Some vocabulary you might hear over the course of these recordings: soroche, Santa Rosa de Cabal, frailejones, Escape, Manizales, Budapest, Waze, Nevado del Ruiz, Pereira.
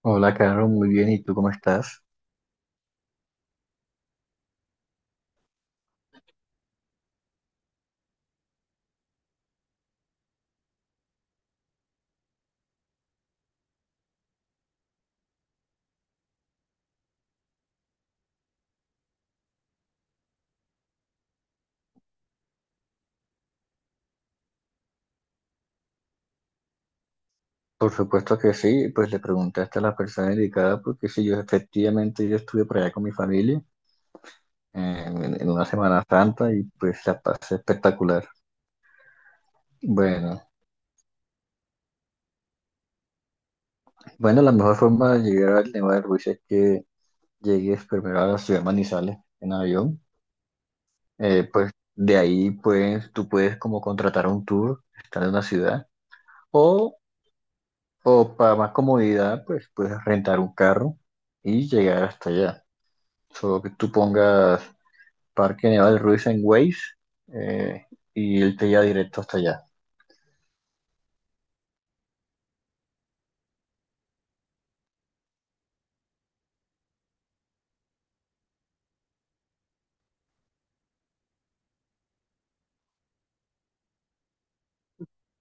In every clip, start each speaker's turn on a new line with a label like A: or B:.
A: Hola, Caro, muy bien. ¿Y tú cómo estás? Por supuesto que sí, pues le preguntaste a la persona indicada porque sí, yo efectivamente yo estuve por allá con mi familia en una Semana Santa y pues la pasé espectacular. Bueno, bueno, la mejor forma de llegar al Nevado del Ruiz es que llegues primero a la ciudad de Manizales en avión. Pues de ahí pues tú puedes como contratar un tour, estar en una ciudad o, o para más comodidad pues puedes rentar un carro y llegar hasta allá. Solo que tú pongas Parque Nevado Ruiz en Waze, eh, y él te lleva directo hasta allá.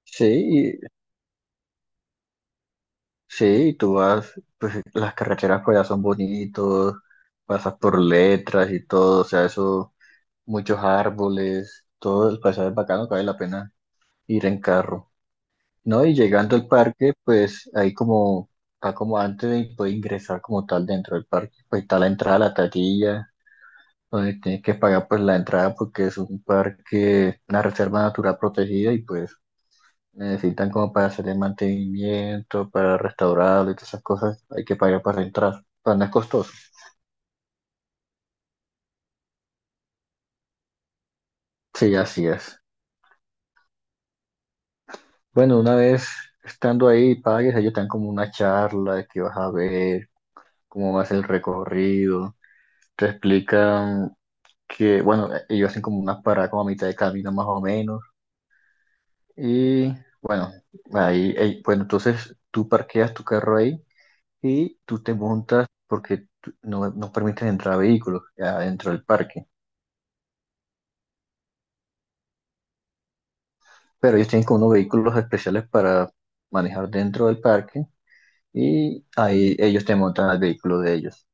A: Sí, y- sí, y tú vas, pues las carreteras por allá son bonitos, pasas por Letras y todo, o sea, eso, muchos árboles, todo el paisaje es bacano que vale la pena ir en carro. No, y llegando al parque, pues ahí como, está como antes de poder ingresar como tal dentro del parque, pues está la entrada a la taquilla, donde tienes que pagar pues la entrada porque es un parque, una reserva natural protegida y pues necesitan como para hacer el mantenimiento, para restaurarlo y todas esas cosas, hay que pagar para entrar, pero no es costoso. Sí, así es. Bueno, una vez estando ahí y pagues, ellos te dan como una charla de qué vas a ver, cómo va a ser el recorrido, te explican que, bueno, ellos hacen como unas paradas como a mitad de camino más o menos y ahí, bueno, entonces tú parqueas tu carro ahí y tú te montas porque tú- no, no permiten entrar vehículos adentro del parque. Pero ellos tienen como unos vehículos especiales para manejar dentro del parque y ahí ellos te montan al vehículo de ellos.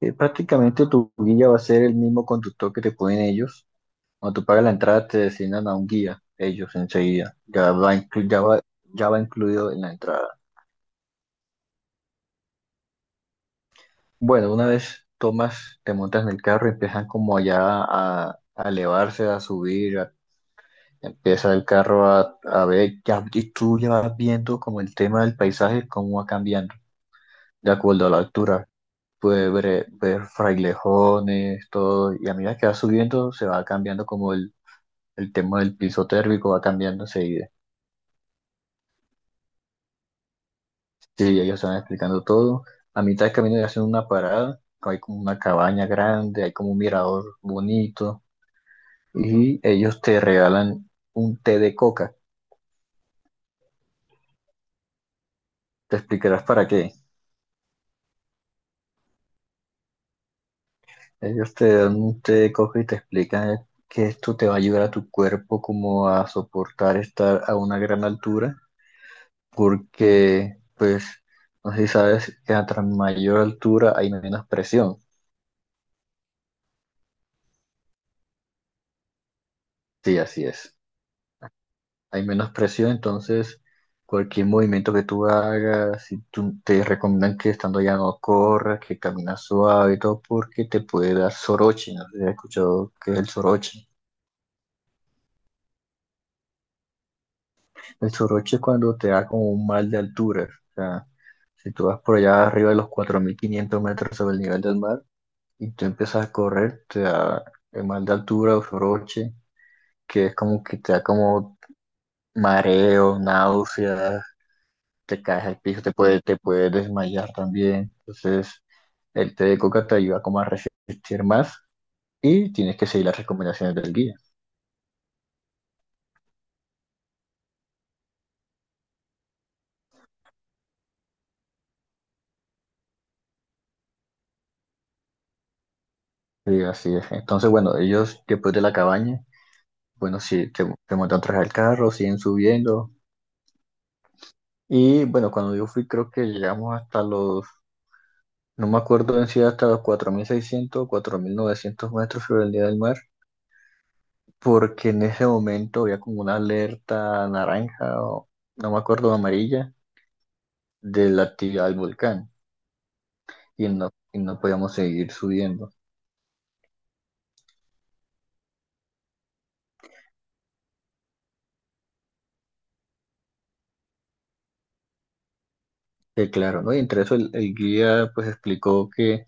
A: Prácticamente tu guía va a ser el mismo conductor que te ponen ellos. Cuando tú pagas la entrada te designan a un guía, ellos enseguida. Ya va incluido en la entrada. Bueno, una vez tomas, te montas en el carro y empiezan como ya a elevarse, a subir. A Empieza el carro a ver, ya, y tú ya vas viendo como el tema del paisaje, cómo va cambiando, de acuerdo a la altura. Puedes ver, ver frailejones, todo, y a medida que va subiendo, se va cambiando como el tema del piso térmico, va cambiando enseguida. Sí, ellos van explicando todo. A mitad de camino ya hacen una parada, hay como una cabaña grande, hay como un mirador bonito, y ellos te regalan un té de coca. ¿Te explicarás para qué? Ellos te dan, te cogen y te explican que esto te va a ayudar a tu cuerpo como a soportar estar a una gran altura, porque pues, no sé si sabes que a tras mayor altura hay menos presión. Sí, así es. Hay menos presión, entonces cualquier movimiento que tú hagas, si tú, te recomiendan que estando allá no corras, que caminas suave y todo, porque te puede dar soroche. No sé si has escuchado qué es el soroche. El soroche es cuando te da como un mal de altura. O sea, si tú vas por allá arriba de los 4.500 metros sobre el nivel del mar y tú empiezas a correr, te da el mal de altura o soroche, que es como que te da como mareo, náuseas, te caes al piso, te puede desmayar también. Entonces, el té de coca te ayuda como a resistir más y tienes que seguir las recomendaciones del guía. Sí, así es. Entonces, bueno, ellos después de la cabaña. Bueno, sí, te montan atrás del carro, siguen subiendo. Y bueno, cuando yo fui, creo que llegamos hasta los, no me acuerdo en sí, hasta los 4.600 4.900 metros sobre el nivel del mar, porque en ese momento había como una alerta naranja, o no me acuerdo, amarilla, de la actividad del volcán. Y no podíamos seguir subiendo. Que claro, ¿no? Y entre eso el guía pues explicó que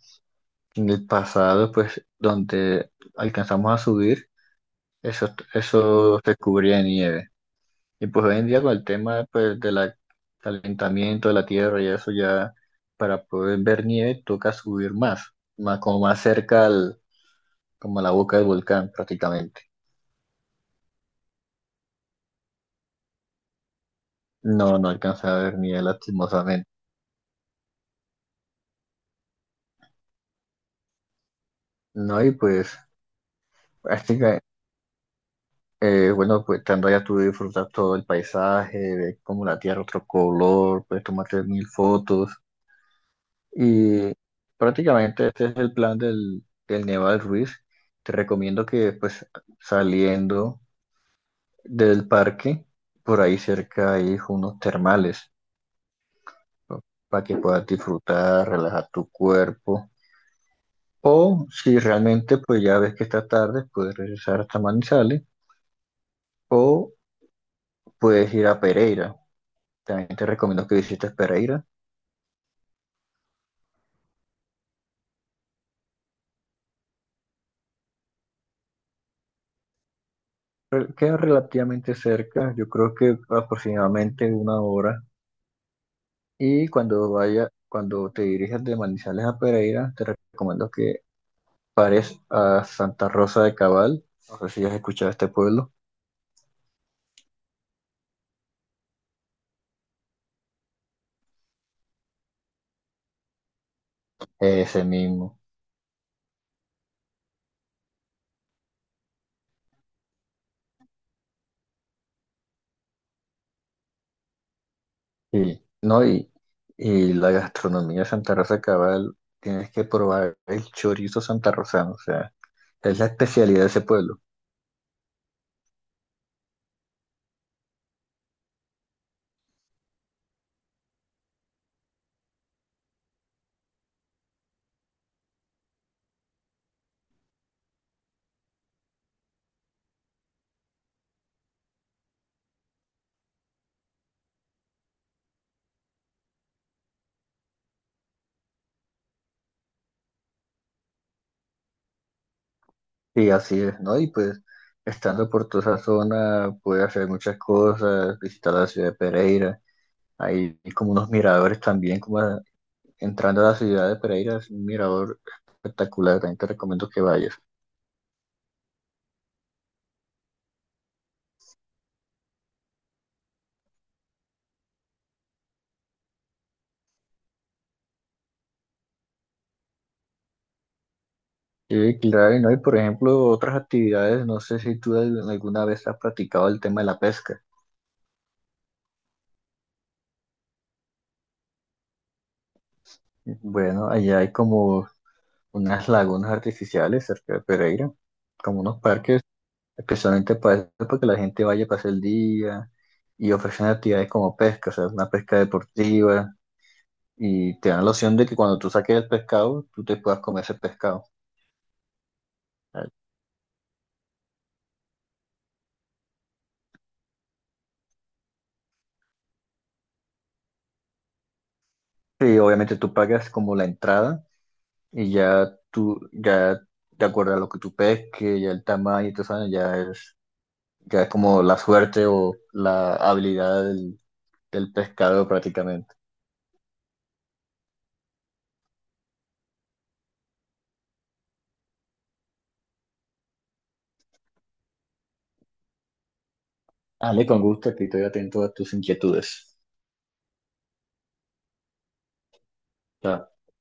A: en el pasado, pues donde alcanzamos a subir, Eso, eso se cubría de nieve. Y pues hoy en día con el tema pues, del calentamiento de la Tierra y eso ya, para poder ver nieve toca subir más, como más cerca al, como a la boca del volcán prácticamente. No, no alcanza a ver nieve lastimosamente. No, y pues, así que, bueno, pues estando allá tú disfrutas todo el paisaje, ves como la Tierra otro color, puedes tomarte mil fotos. Y prácticamente este es el plan del Neval Ruiz. Te recomiendo que pues saliendo del parque, por ahí cerca hay unos termales, ¿no? Para que puedas disfrutar, relajar tu cuerpo. O si realmente pues ya ves que está tarde, puedes regresar hasta Manizales o puedes ir a Pereira. También te recomiendo que visites Pereira. Queda relativamente cerca, yo creo que aproximadamente una hora. Y cuando vaya, cuando te dirijas de Manizales a Pereira, te recomiendo que pares a Santa Rosa de Cabal. No sé si has escuchado este pueblo. Ese mismo. Y, no, la gastronomía de Santa Rosa de Cabal, tienes que probar el chorizo santarrosano. O sea, es la especialidad de ese pueblo. Y así es, ¿no? Y pues, estando por toda esa zona, puedes hacer muchas cosas, visitar la ciudad de Pereira. Hay como unos miradores también, como entrando a la ciudad de Pereira, es un mirador espectacular, también te recomiendo que vayas. Sí, claro, y no, y por ejemplo, otras actividades, no sé si tú alguna vez has practicado el tema de la pesca. Bueno, allá hay como unas lagunas artificiales cerca de Pereira, como unos parques, especialmente para eso, para que la gente vaya a pasar el día y ofrecen actividades como pesca, o sea, una pesca deportiva, y te dan la opción de que cuando tú saques el pescado, tú te puedas comer ese pescado. Sí, obviamente tú pagas como la entrada. Y ya tú, ya de acuerdo a lo que tú pesques, ya el tamaño y todo eso, ya es como la suerte o la habilidad del pescador prácticamente. Ale, con gusto, aquí estoy atento a tus inquietudes. Chao.